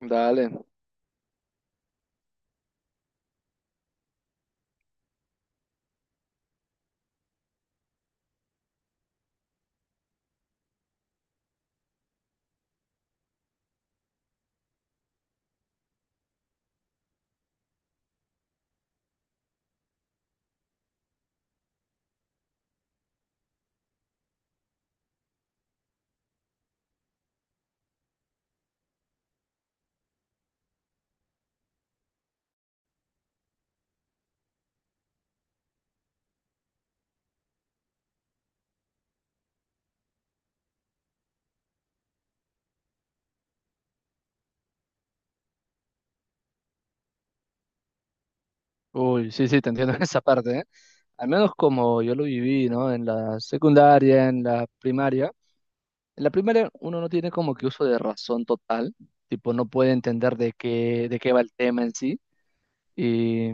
Dale. Uy, sí, sí, te entiendo en esa parte, ¿eh? Al menos como yo lo viví, ¿no? En la secundaria, en la primaria. En la primaria uno no tiene como que uso de razón total, tipo no puede entender de qué va el tema en sí. Y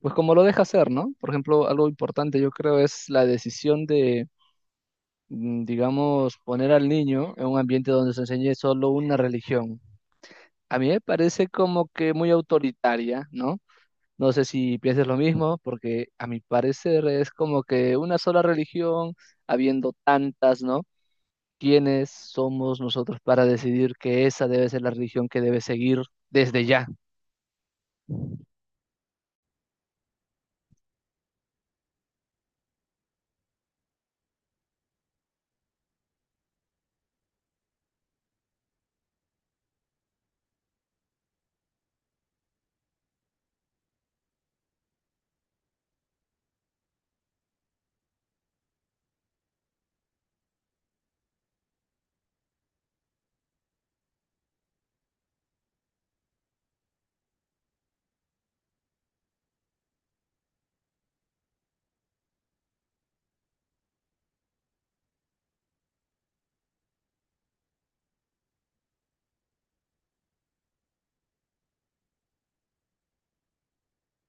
pues como lo deja hacer, ¿no? Por ejemplo, algo importante yo creo es la decisión de, digamos, poner al niño en un ambiente donde se enseñe solo una religión. A mí me parece como que muy autoritaria, ¿no? No sé si piensas lo mismo, porque a mi parecer es como que una sola religión, habiendo tantas, ¿no? ¿Quiénes somos nosotros para decidir que esa debe ser la religión que debe seguir desde ya?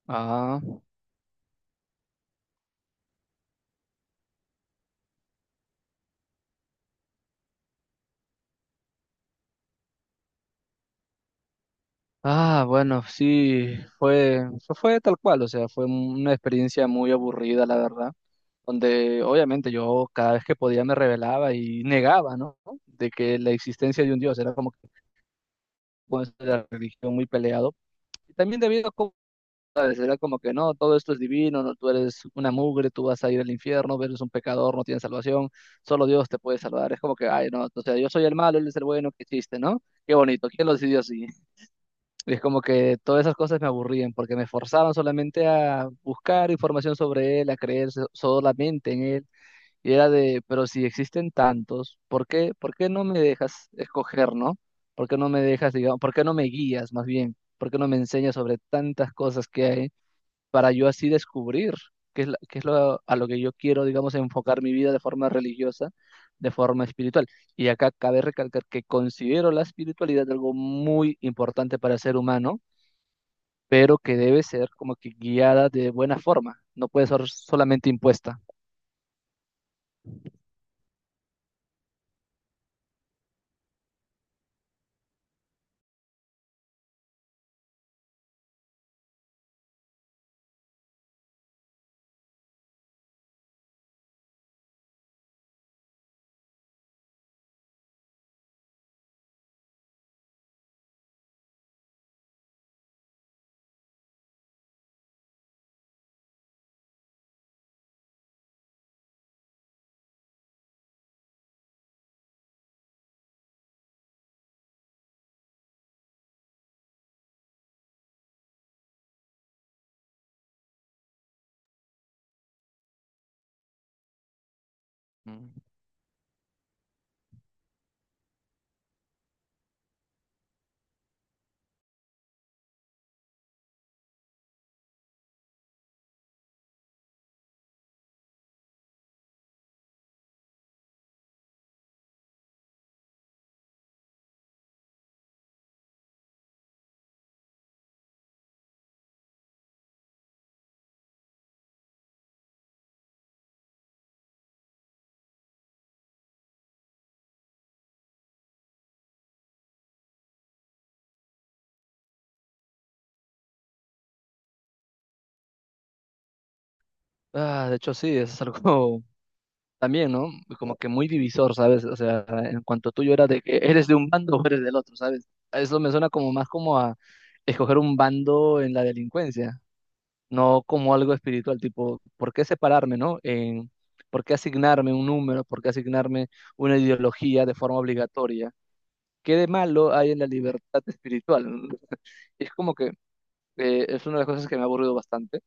Ah, bueno, sí, fue tal cual, o sea, fue una experiencia muy aburrida, la verdad, donde obviamente yo cada vez que podía me rebelaba y negaba, ¿no? De que la existencia de un Dios era como que con eso de la religión muy peleado. Y también debido a... Será como que no, todo esto es divino, no, tú eres una mugre, tú vas a ir al infierno, eres un pecador, no tienes salvación, solo Dios te puede salvar. Es como que, ay, no, o sea, yo soy el malo, él es el bueno, qué chiste, ¿no? Qué bonito, ¿quién lo decidió así? Y es como que todas esas cosas me aburrían porque me forzaban solamente a buscar información sobre él, a creer solamente en él. Y era de, pero si existen tantos, ¿por qué no me dejas escoger, ¿no? ¿Por qué no me dejas, digamos, por qué no me guías más bien? ¿Por qué no me enseñas sobre tantas cosas que hay? Para yo así descubrir qué es, qué es lo, a lo que yo quiero, digamos, enfocar mi vida de forma religiosa, de forma espiritual. Y acá cabe recalcar que considero la espiritualidad algo muy importante para el ser humano, pero que debe ser como que guiada de buena forma, no puede ser solamente impuesta. Mm. Ah, de hecho, sí, es algo también, ¿no? Como que muy divisor, ¿sabes? O sea, en cuanto tú yo era de que eres de un bando o eres del otro, ¿sabes? Eso me suena como más como a escoger un bando en la delincuencia. No como algo espiritual, tipo, ¿por qué separarme, no? En, ¿por qué asignarme un número? ¿Por qué asignarme una ideología de forma obligatoria? ¿Qué de malo hay en la libertad espiritual? Es como que es una de las cosas que me ha aburrido bastante,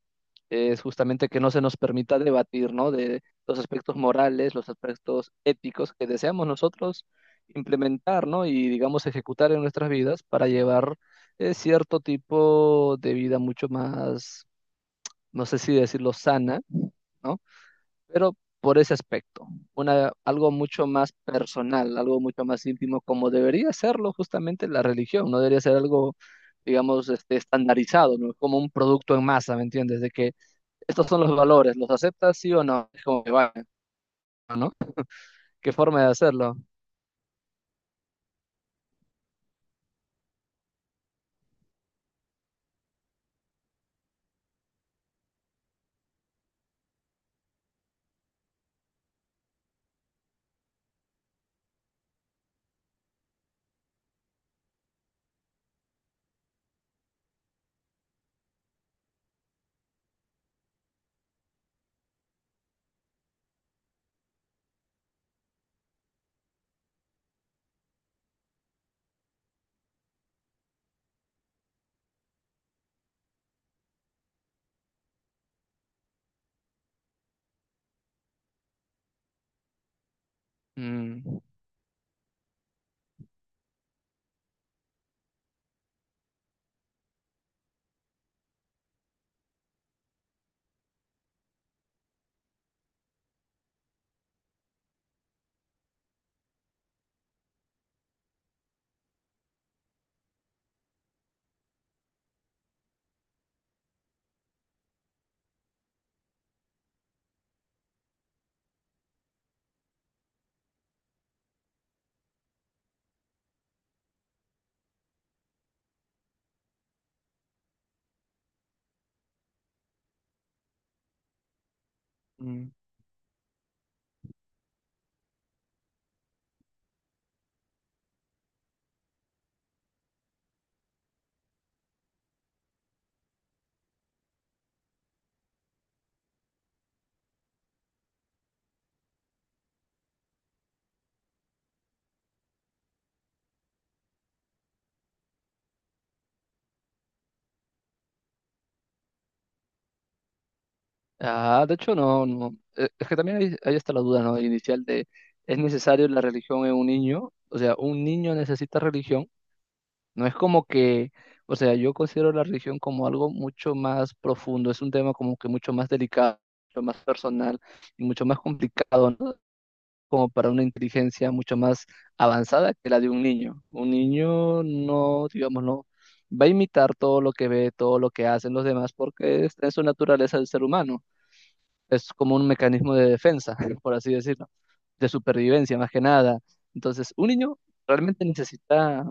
es justamente que no se nos permita debatir, ¿no? De los aspectos morales, los aspectos éticos que deseamos nosotros implementar, ¿no? Y digamos ejecutar en nuestras vidas para llevar cierto tipo de vida mucho más, no sé si decirlo sana, ¿no? Pero por ese aspecto, una, algo mucho más personal, algo mucho más íntimo, como debería serlo justamente la religión, no debería ser algo, digamos, este, estandarizado, ¿no? Como un producto en masa, ¿me entiendes? De que estos son los valores, ¿los aceptas sí o no? Es como que va, ¿no? ¿Qué forma de hacerlo? Mm, mm. Ah, de hecho, no, no. Es que también ahí, ahí está la duda, ¿no? Inicial de, ¿es necesario la religión en un niño? O sea, ¿un niño necesita religión? No es como que, o sea, yo considero la religión como algo mucho más profundo, es un tema como que mucho más delicado, mucho más personal y mucho más complicado, ¿no? Como para una inteligencia mucho más avanzada que la de un niño. Un niño no, digamos, no va a imitar todo lo que ve, todo lo que hacen los demás, porque es su naturaleza del ser humano. Es como un mecanismo de defensa, por así decirlo, de supervivencia más que nada. Entonces, un niño realmente necesita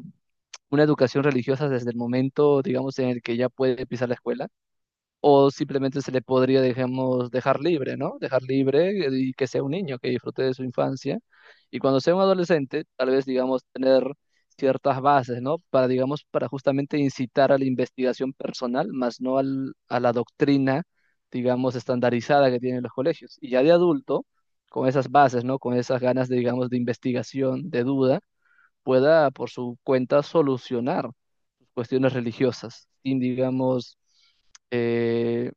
una educación religiosa desde el momento, digamos, en el que ya puede pisar la escuela, o simplemente se le podría, digamos, dejar libre, ¿no? Dejar libre y que sea un niño, que disfrute de su infancia, y cuando sea un adolescente, tal vez, digamos, tener ciertas bases, ¿no? Para, digamos, para justamente incitar a la investigación personal, más no a la doctrina, digamos, estandarizada que tienen los colegios. Y ya de adulto, con esas bases, ¿no? Con esas ganas, de, digamos, de investigación, de duda, pueda por su cuenta solucionar cuestiones religiosas, sin, digamos, eh,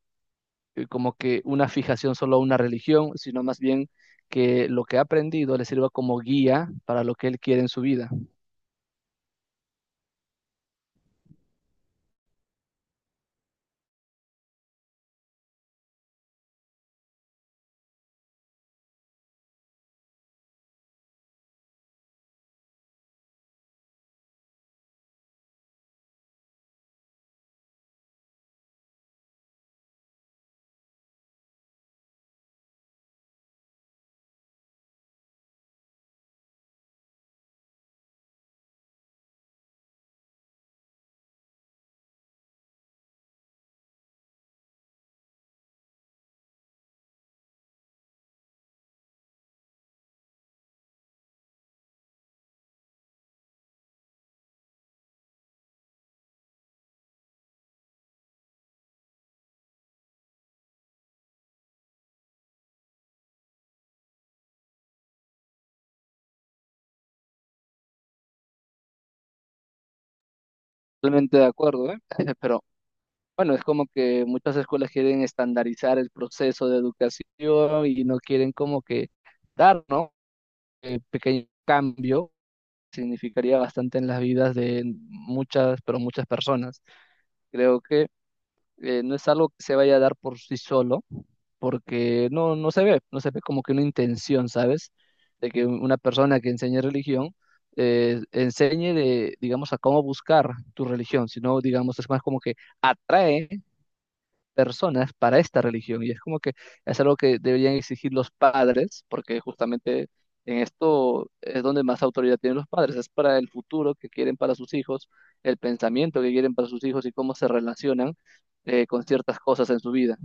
como que una fijación solo a una religión, sino más bien que lo que ha aprendido le sirva como guía para lo que él quiere en su vida. Totalmente de acuerdo, ¿eh? pero bueno, es como que muchas escuelas quieren estandarizar el proceso de educación y no quieren como que dar, ¿no? Pequeño cambio significaría bastante en las vidas de muchas, pero muchas personas. Creo que no es algo que se vaya a dar por sí solo, porque no se ve, no se ve como que una intención, ¿sabes? De que una persona que enseñe religión enseñe de, digamos, a cómo buscar tu religión, sino, digamos, es más como que atrae personas para esta religión. Y es como que es algo que deberían exigir los padres, porque justamente en esto es donde más autoridad tienen los padres. Es para el futuro que quieren para sus hijos, el pensamiento que quieren para sus hijos y cómo se relacionan con ciertas cosas en su vida.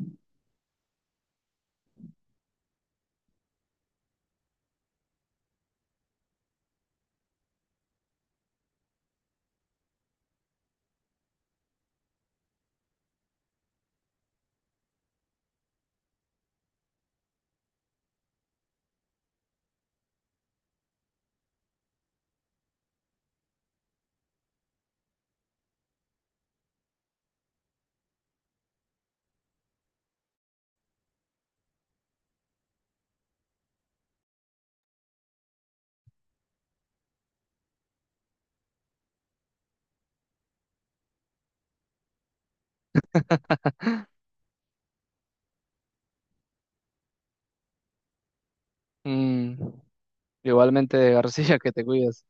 Mm, igualmente, García, que te cuides.